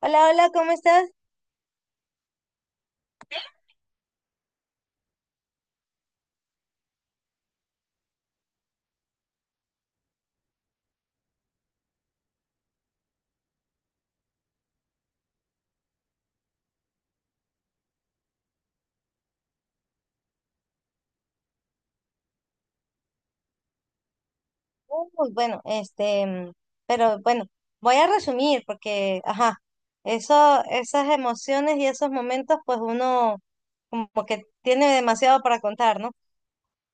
Hola, hola, ¿cómo estás? Uy, bueno, este, pero bueno, voy a resumir porque, ajá, esas emociones y esos momentos, pues uno como que tiene demasiado para contar, ¿no?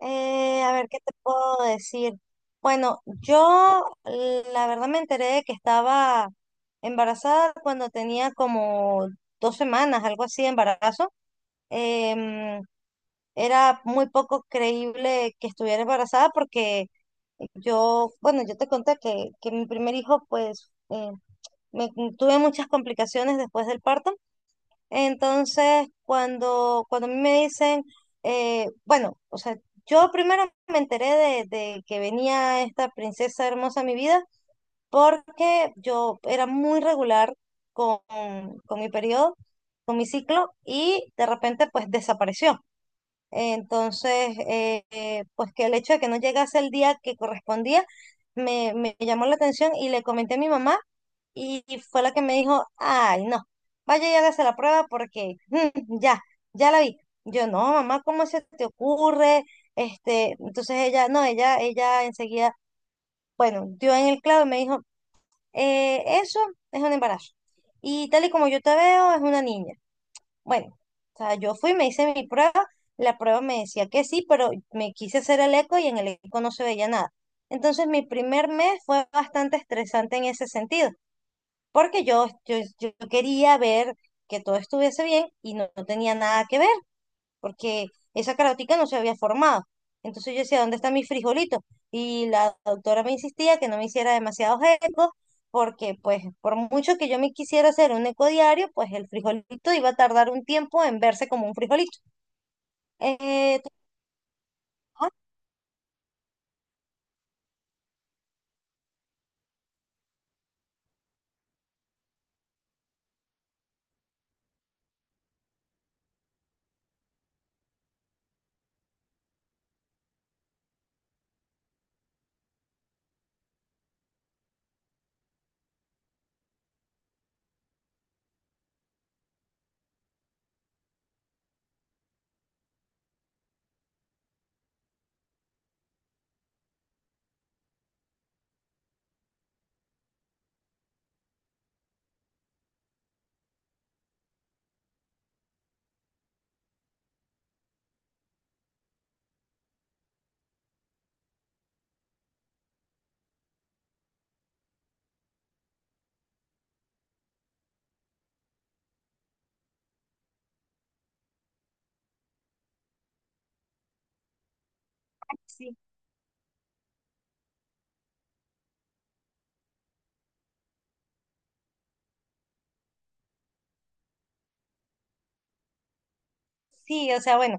A ver, ¿qué te puedo decir? Bueno, yo la verdad me enteré de que estaba embarazada cuando tenía como 2 semanas, algo así de embarazo. Em, Era muy poco creíble que estuviera embarazada porque yo, bueno, yo te conté que mi primer hijo, pues, me, tuve muchas complicaciones después del parto. Entonces, cuando a mí me dicen, bueno, o sea, yo primero me enteré de que venía esta princesa hermosa a mi vida porque yo era muy regular con, con mi periodo, con mi ciclo, y de repente, pues, desapareció. Entonces, pues que el hecho de que no llegase el día que correspondía me llamó la atención y le comenté a mi mamá y fue la que me dijo, ay, no, vaya y hágase la prueba porque ya, ya la vi. Yo, no, mamá, ¿cómo se te ocurre? Este, entonces ella, no, ella enseguida, bueno, dio en el clavo y me dijo, "Eso es un embarazo. Y tal y como yo te veo, es una niña. Bueno, o sea, yo fui, me hice mi prueba, la prueba me decía que sí, pero me quise hacer el eco y en el eco no se veía nada. Entonces mi primer mes fue bastante estresante en ese sentido, porque yo quería ver que todo estuviese bien y no, no tenía nada que ver porque esa carótica no se había formado. Entonces yo decía, ¿dónde están mis frijolitos? Y la doctora me insistía que no me hiciera demasiados ecos, porque pues por mucho que yo me quisiera hacer un eco diario, pues el frijolito iba a tardar un tiempo en verse como un frijolito. Eh, ah, sí, sí, o sea, bueno,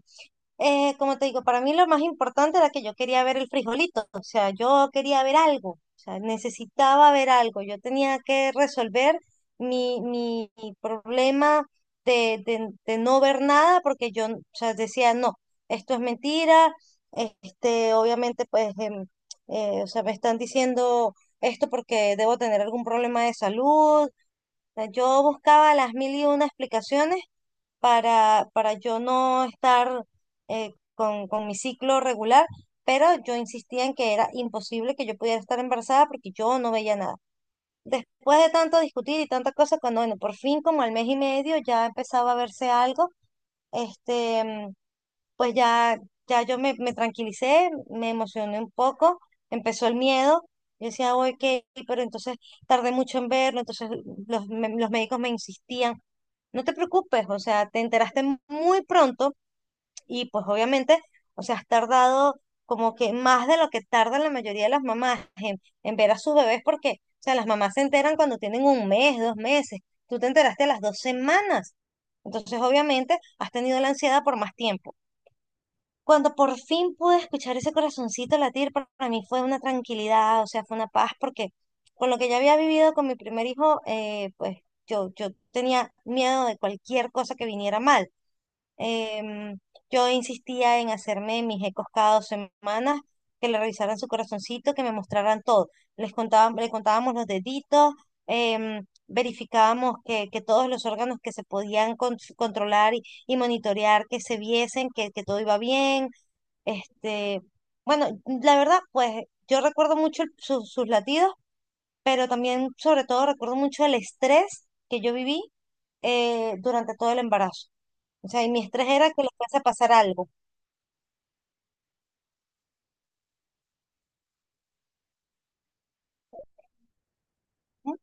Como te digo, para mí lo más importante era que yo quería ver el frijolito, o sea, yo quería ver algo, o sea, necesitaba ver algo, yo tenía que resolver mi problema de no ver nada porque yo, o sea, decía, no, esto es mentira, este, obviamente, pues, o sea, me están diciendo esto porque debo tener algún problema de salud, o sea, yo buscaba las mil y una explicaciones para yo no estar con mi ciclo regular, pero yo insistía en que era imposible que yo pudiera estar embarazada porque yo no veía nada. Después de tanto discutir y tanta cosa, cuando bueno, por fin como al mes y medio ya empezaba a verse algo, este, pues ya, ya yo me tranquilicé, me emocioné un poco, empezó el miedo. Yo decía, ok, pero entonces tardé mucho en verlo, entonces los médicos me insistían, no te preocupes, o sea, te enteraste muy pronto y pues obviamente, o sea, has tardado como que más de lo que tardan la mayoría de las mamás en, ver a sus bebés porque, o sea, las mamás se enteran cuando tienen un mes, 2 meses, tú te enteraste a las 2 semanas, entonces obviamente has tenido la ansiedad por más tiempo. Cuando por fin pude escuchar ese corazoncito latir, para mí fue una tranquilidad, o sea, fue una paz, porque con lo que ya había vivido con mi primer hijo, pues yo tenía miedo de cualquier cosa que viniera mal. Em, yo insistía en hacerme mis ecos cada 2 semanas, que le revisaran su corazoncito, que me mostraran todo. Les contaban, le contábamos los deditos, verificábamos que todos los órganos que se podían controlar y, monitorear, que se viesen, que todo iba bien este, bueno, la verdad, pues yo recuerdo mucho sus latidos, pero también, sobre todo, recuerdo mucho el estrés que yo viví durante todo el embarazo. O sea, y mi estrés era que le fuese a pasar algo. Ujú.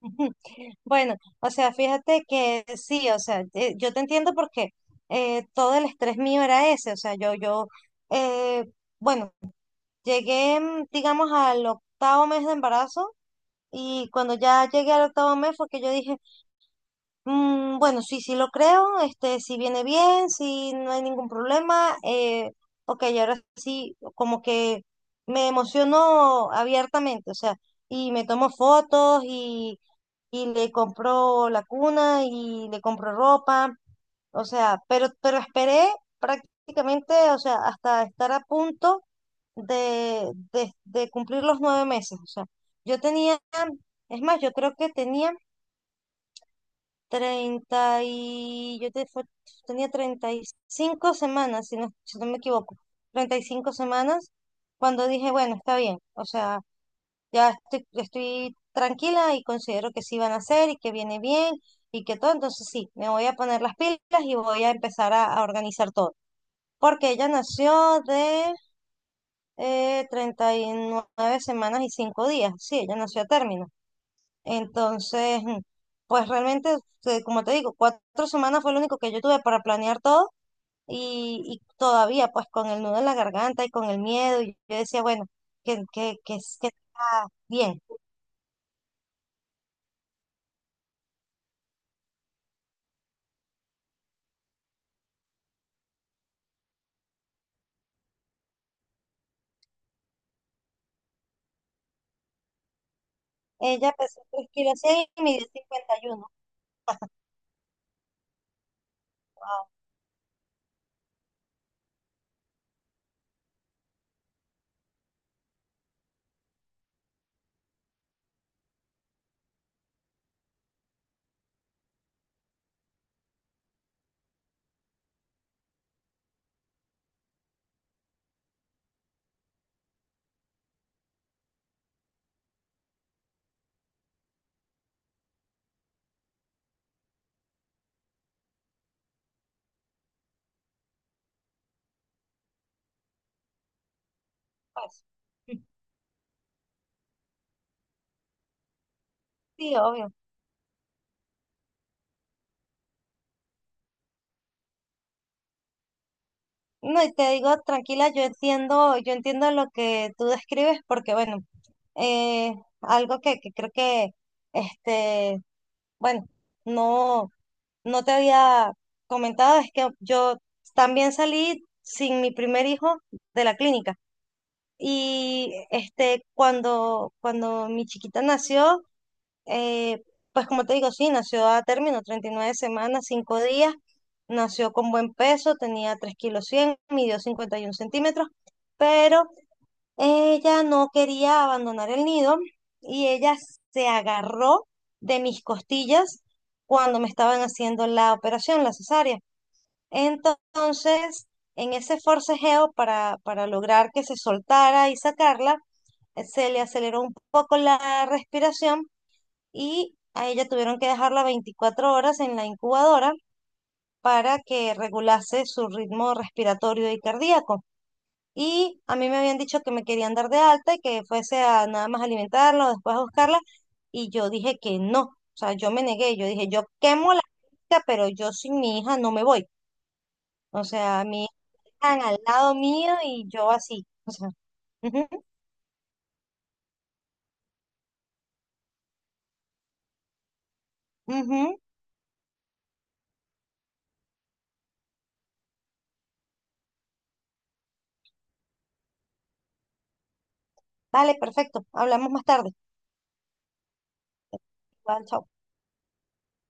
Bueno, o sea, fíjate que sí, o sea, yo te entiendo porque todo el estrés mío era ese, o sea, eh, bueno, llegué, digamos, al octavo mes de embarazo y cuando ya llegué al octavo mes fue que yo dije, Mm, bueno, sí, sí lo creo, este, si viene bien, si no hay ningún problema. Ok, ahora sí, como que me emociono abiertamente, o sea, y me tomo fotos y, le compro la cuna y le compro ropa, o sea, pero, esperé prácticamente, o sea, hasta estar a punto de cumplir los 9 meses, o sea, yo tenía, es más, yo creo que tenía... 30, y yo te- fue- tenía 35 semanas, si no me equivoco, 35 semanas, cuando dije, bueno, está bien, o sea, ya estoy, tranquila y considero que sí van a hacer y que viene bien y que todo, entonces sí, me voy a poner las pilas y voy a empezar a, organizar todo, porque ella nació de 39 semanas y 5 días, sí, ella nació a término. Entonces, pues realmente, como te digo, 4 semanas fue lo único que yo tuve para planear todo y, todavía pues con el nudo en la garganta y con el miedo, y yo decía, bueno, que está bien. Ella pesó tres kilos cien y midió 51. Wow, pues, sí, obvio. No, y te digo, tranquila, yo entiendo lo que tú describes porque, bueno, eh, algo que creo que, este, bueno, no. No te había comentado es que yo también salí sin mi primer hijo de la clínica. Y este, cuando mi chiquita nació, eh, pues como te digo, sí, nació a término, 39 semanas, 5 días, nació con buen peso, tenía 3 kilos 100 midió 51 centímetros, pero ella no quería abandonar el nido y ella se agarró de mis costillas cuando me estaban haciendo la operación, la cesárea. Entonces, en ese forcejeo para lograr que se soltara y sacarla, se le aceleró un poco la respiración y a ella tuvieron que dejarla 24 horas en la incubadora para que regulase su ritmo respiratorio y cardíaco. Y a mí me habían dicho que me querían dar de alta y que fuese a nada más alimentarla o después a buscarla. Y yo dije que no. O sea, yo me negué. Yo dije, yo quemo la finca, pero yo sin mi hija no me voy. O sea, mi hija están al lado mío y yo así. O sea, ujú, ujú. Vale, perfecto. Hablamos más tarde. Igual, chao.